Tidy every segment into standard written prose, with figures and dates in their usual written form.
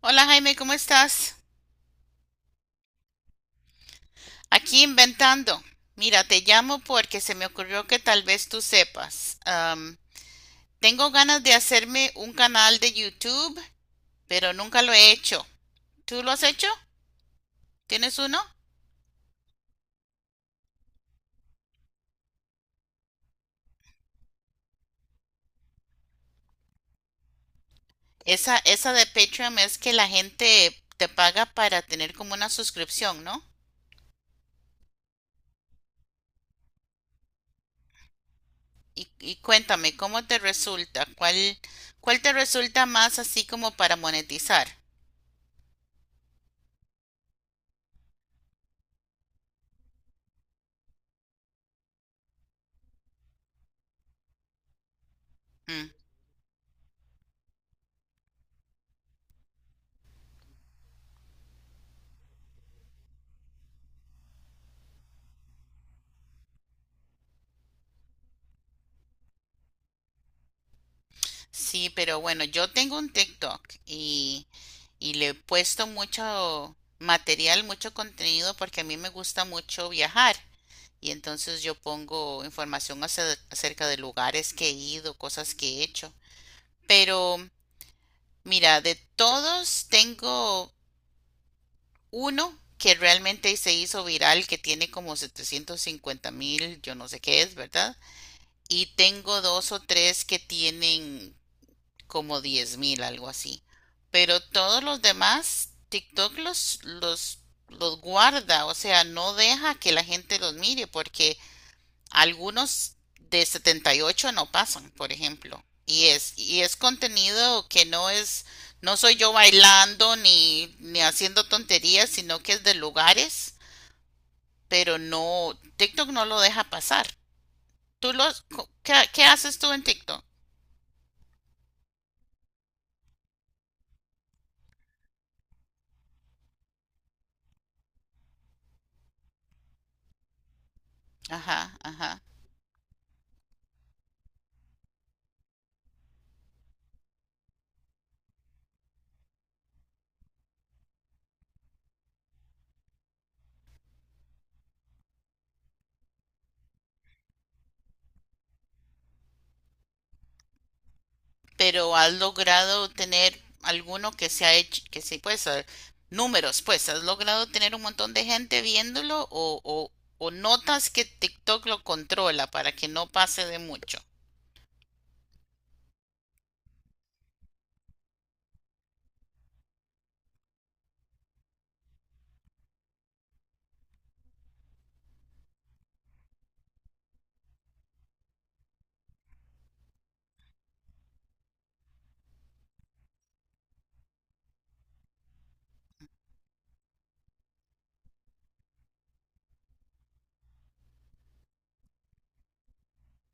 Hola Jaime, ¿cómo estás? Aquí inventando. Mira, te llamo porque se me ocurrió que tal vez tú sepas. Tengo ganas de hacerme un canal de YouTube, pero nunca lo he hecho. ¿Tú lo has hecho? ¿Tienes uno? Esa de Patreon es que la gente te paga para tener como una suscripción, ¿no? Y cuéntame, ¿cómo te resulta? ¿Cuál te resulta más así como para monetizar? Mm. Sí, pero bueno, yo tengo un TikTok y le he puesto mucho material, mucho contenido porque a mí me gusta mucho viajar y entonces yo pongo información acerca de lugares que he ido, cosas que he hecho. Pero mira, de todos tengo uno que realmente se hizo viral, que tiene como 750,000, yo no sé qué es, ¿verdad? Y tengo dos o tres que tienen como 10,000, algo así. Pero todos los demás, TikTok los guarda, o sea, no deja que la gente los mire porque algunos de 78 no pasan, por ejemplo. Y es contenido que no es, no soy yo bailando ni haciendo tonterías, sino que es de lugares, pero no, TikTok no lo deja pasar. ¿Tú los, qué haces tú en TikTok? Ajá, ajá. Pero has logrado tener alguno que se ha hecho, que se pues, ah, números, pues, has logrado tener un montón de gente viéndolo o notas que TikTok lo controla para que no pase de mucho.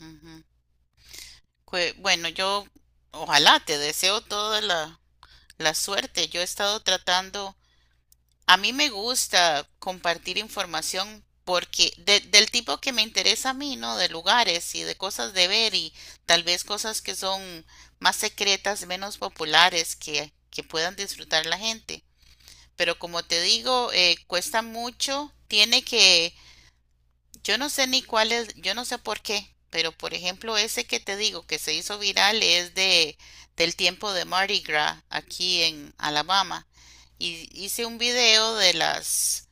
Ujú. Bueno, yo ojalá te deseo toda la suerte. Yo he estado tratando. A mí me gusta compartir información porque del tipo que me interesa a mí, ¿no? De lugares y de cosas de ver y tal vez cosas que son más secretas, menos populares, que puedan disfrutar la gente. Pero como te digo, cuesta mucho, tiene que, yo no sé ni cuál es, yo no sé por qué, pero por ejemplo ese que te digo que se hizo viral es de del tiempo de Mardi Gras aquí en Alabama. Y hice un video de las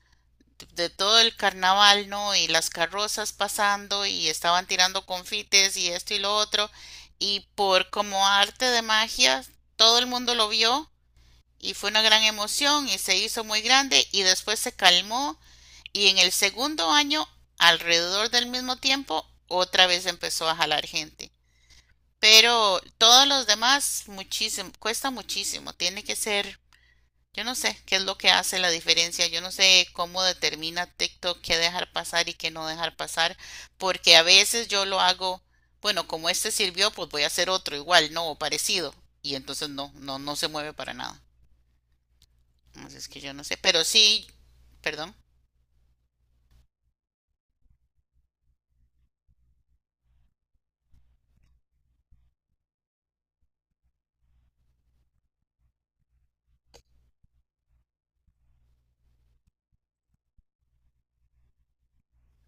de todo el carnaval, ¿no? Y las carrozas pasando y estaban tirando confites y esto y lo otro. Y por como arte de magia, todo el mundo lo vio y fue una gran emoción y se hizo muy grande y después se calmó y en el segundo año, alrededor del mismo tiempo, otra vez empezó a jalar gente. Pero todos los demás, muchísimo, cuesta muchísimo, tiene que ser, yo no sé qué es lo que hace la diferencia, yo no sé cómo determina TikTok qué dejar pasar y qué no dejar pasar, porque a veces yo lo hago, bueno, como este sirvió, pues voy a hacer otro igual, no, o parecido, y entonces no, no, no se mueve para nada. Así es que yo no sé, pero sí, perdón.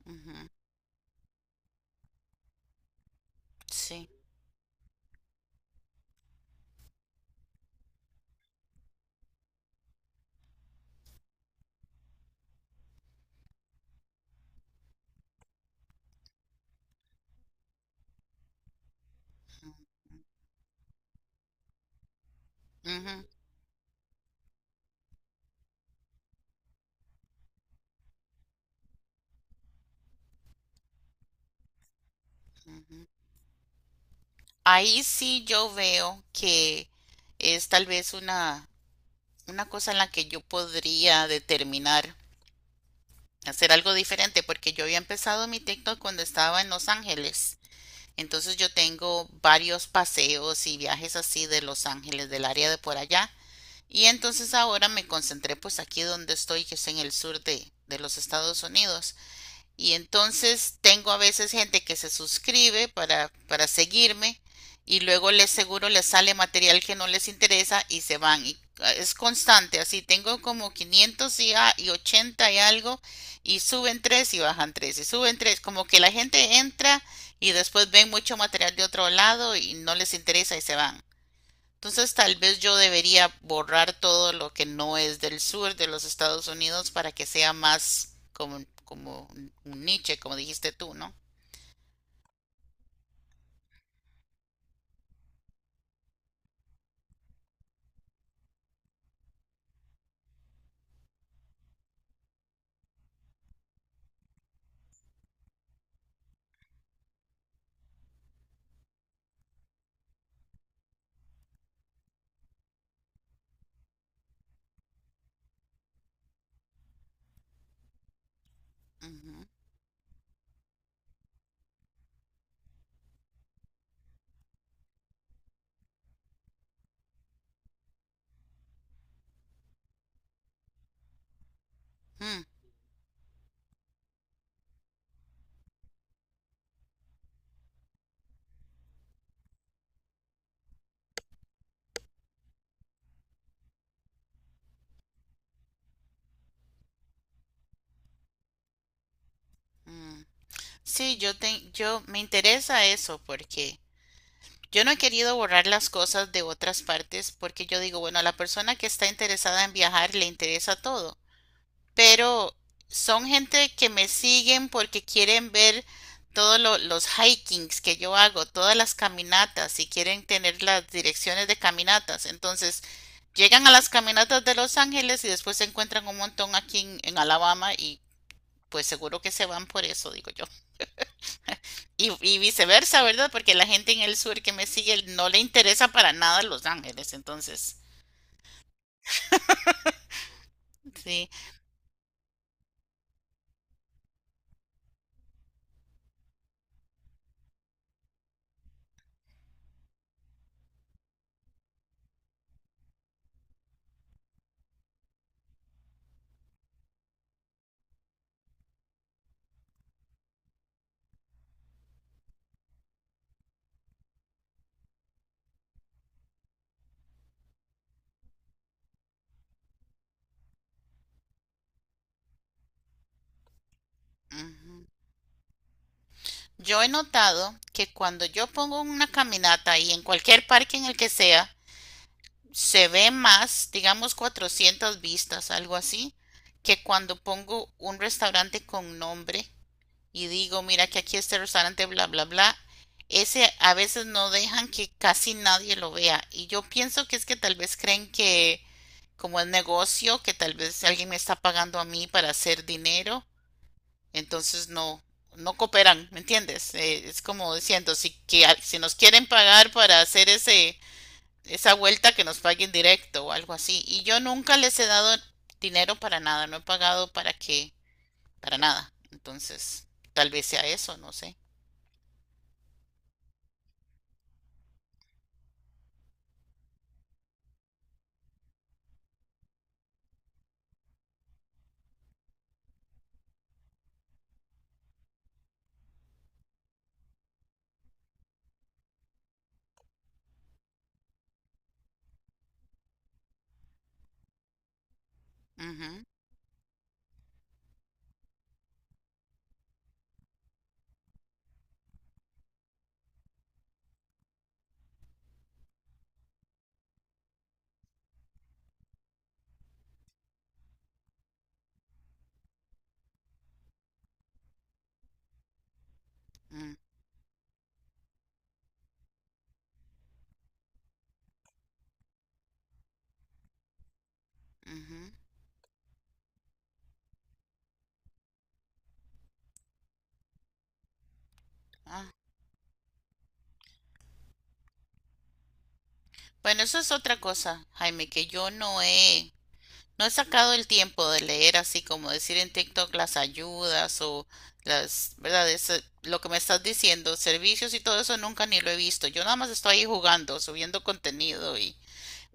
Ujú. Sí. Ujú, ujú. Ahí sí yo veo que es tal vez una cosa en la que yo podría determinar hacer algo diferente porque yo había empezado mi TikTok cuando estaba en Los Ángeles. Entonces yo tengo varios paseos y viajes así de Los Ángeles, del área de por allá. Y entonces ahora me concentré pues aquí donde estoy, que es en el sur de los Estados Unidos. Y entonces tengo a veces gente que se suscribe para seguirme y luego les seguro les sale material que no les interesa y se van. Y ah, es constante, así tengo como 500 y, y 80 y algo y suben tres y bajan tres y suben tres. Como que la gente entra y después ven mucho material de otro lado y no les interesa y se van. Entonces tal vez yo debería borrar todo lo que no es del sur de los Estados Unidos para que sea más como, como un niche, como dijiste tú, ¿no? Ujú. Mm, mm. Sí, yo, te, yo me interesa eso porque yo no he querido borrar las cosas de otras partes porque yo digo, bueno, a la persona que está interesada en viajar le interesa todo. Pero son gente que me siguen porque quieren ver todos los hikings que yo hago, todas las caminatas y quieren tener las direcciones de caminatas. Entonces, llegan a las caminatas de Los Ángeles y después se encuentran un montón aquí en Alabama y pues seguro que se van por eso, digo yo. Y viceversa, ¿verdad? Porque la gente en el sur que me sigue no le interesa para nada Los Ángeles. Entonces, sí. Ujú. Yo he notado que cuando yo pongo una caminata y en cualquier parque en el que sea, se ve más, digamos 400 vistas, algo así, que cuando pongo un restaurante con nombre y digo, mira que aquí este restaurante, bla, bla, bla, ese a veces no dejan que casi nadie lo vea. Y yo pienso que es que tal vez creen que como es negocio, que tal vez alguien me está pagando a mí para hacer dinero, entonces no, no cooperan, ¿me entiendes? Es como diciendo, si, que, si nos quieren pagar para hacer esa vuelta, que nos paguen directo o algo así. Y yo nunca les he dado dinero para nada, no he pagado para qué, para nada. Entonces, tal vez sea eso, no sé. Ujú, mm, ujú. Ah, bueno, eso es otra cosa, Jaime, que yo no he. No he sacado el tiempo de leer así como decir en TikTok las ayudas o las, ¿verdad? Lo que me estás diciendo, servicios y todo eso nunca ni lo he visto. Yo nada más estoy ahí jugando, subiendo contenido y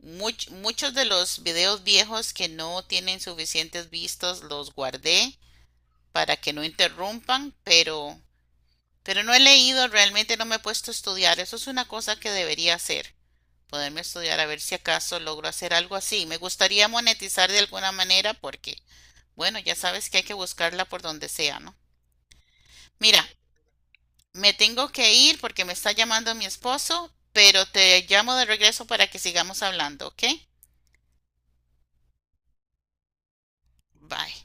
muchos de los videos viejos que no tienen suficientes vistas los guardé para que no interrumpan, pero no he leído, realmente no me he puesto a estudiar. Eso es una cosa que debería hacer poderme estudiar a ver si acaso logro hacer algo así. Me gustaría monetizar de alguna manera porque bueno, ya sabes que hay que buscarla por donde sea, ¿no? Mira, me tengo que ir porque me está llamando mi esposo, pero te llamo de regreso para que sigamos hablando, ¿ok? Bye.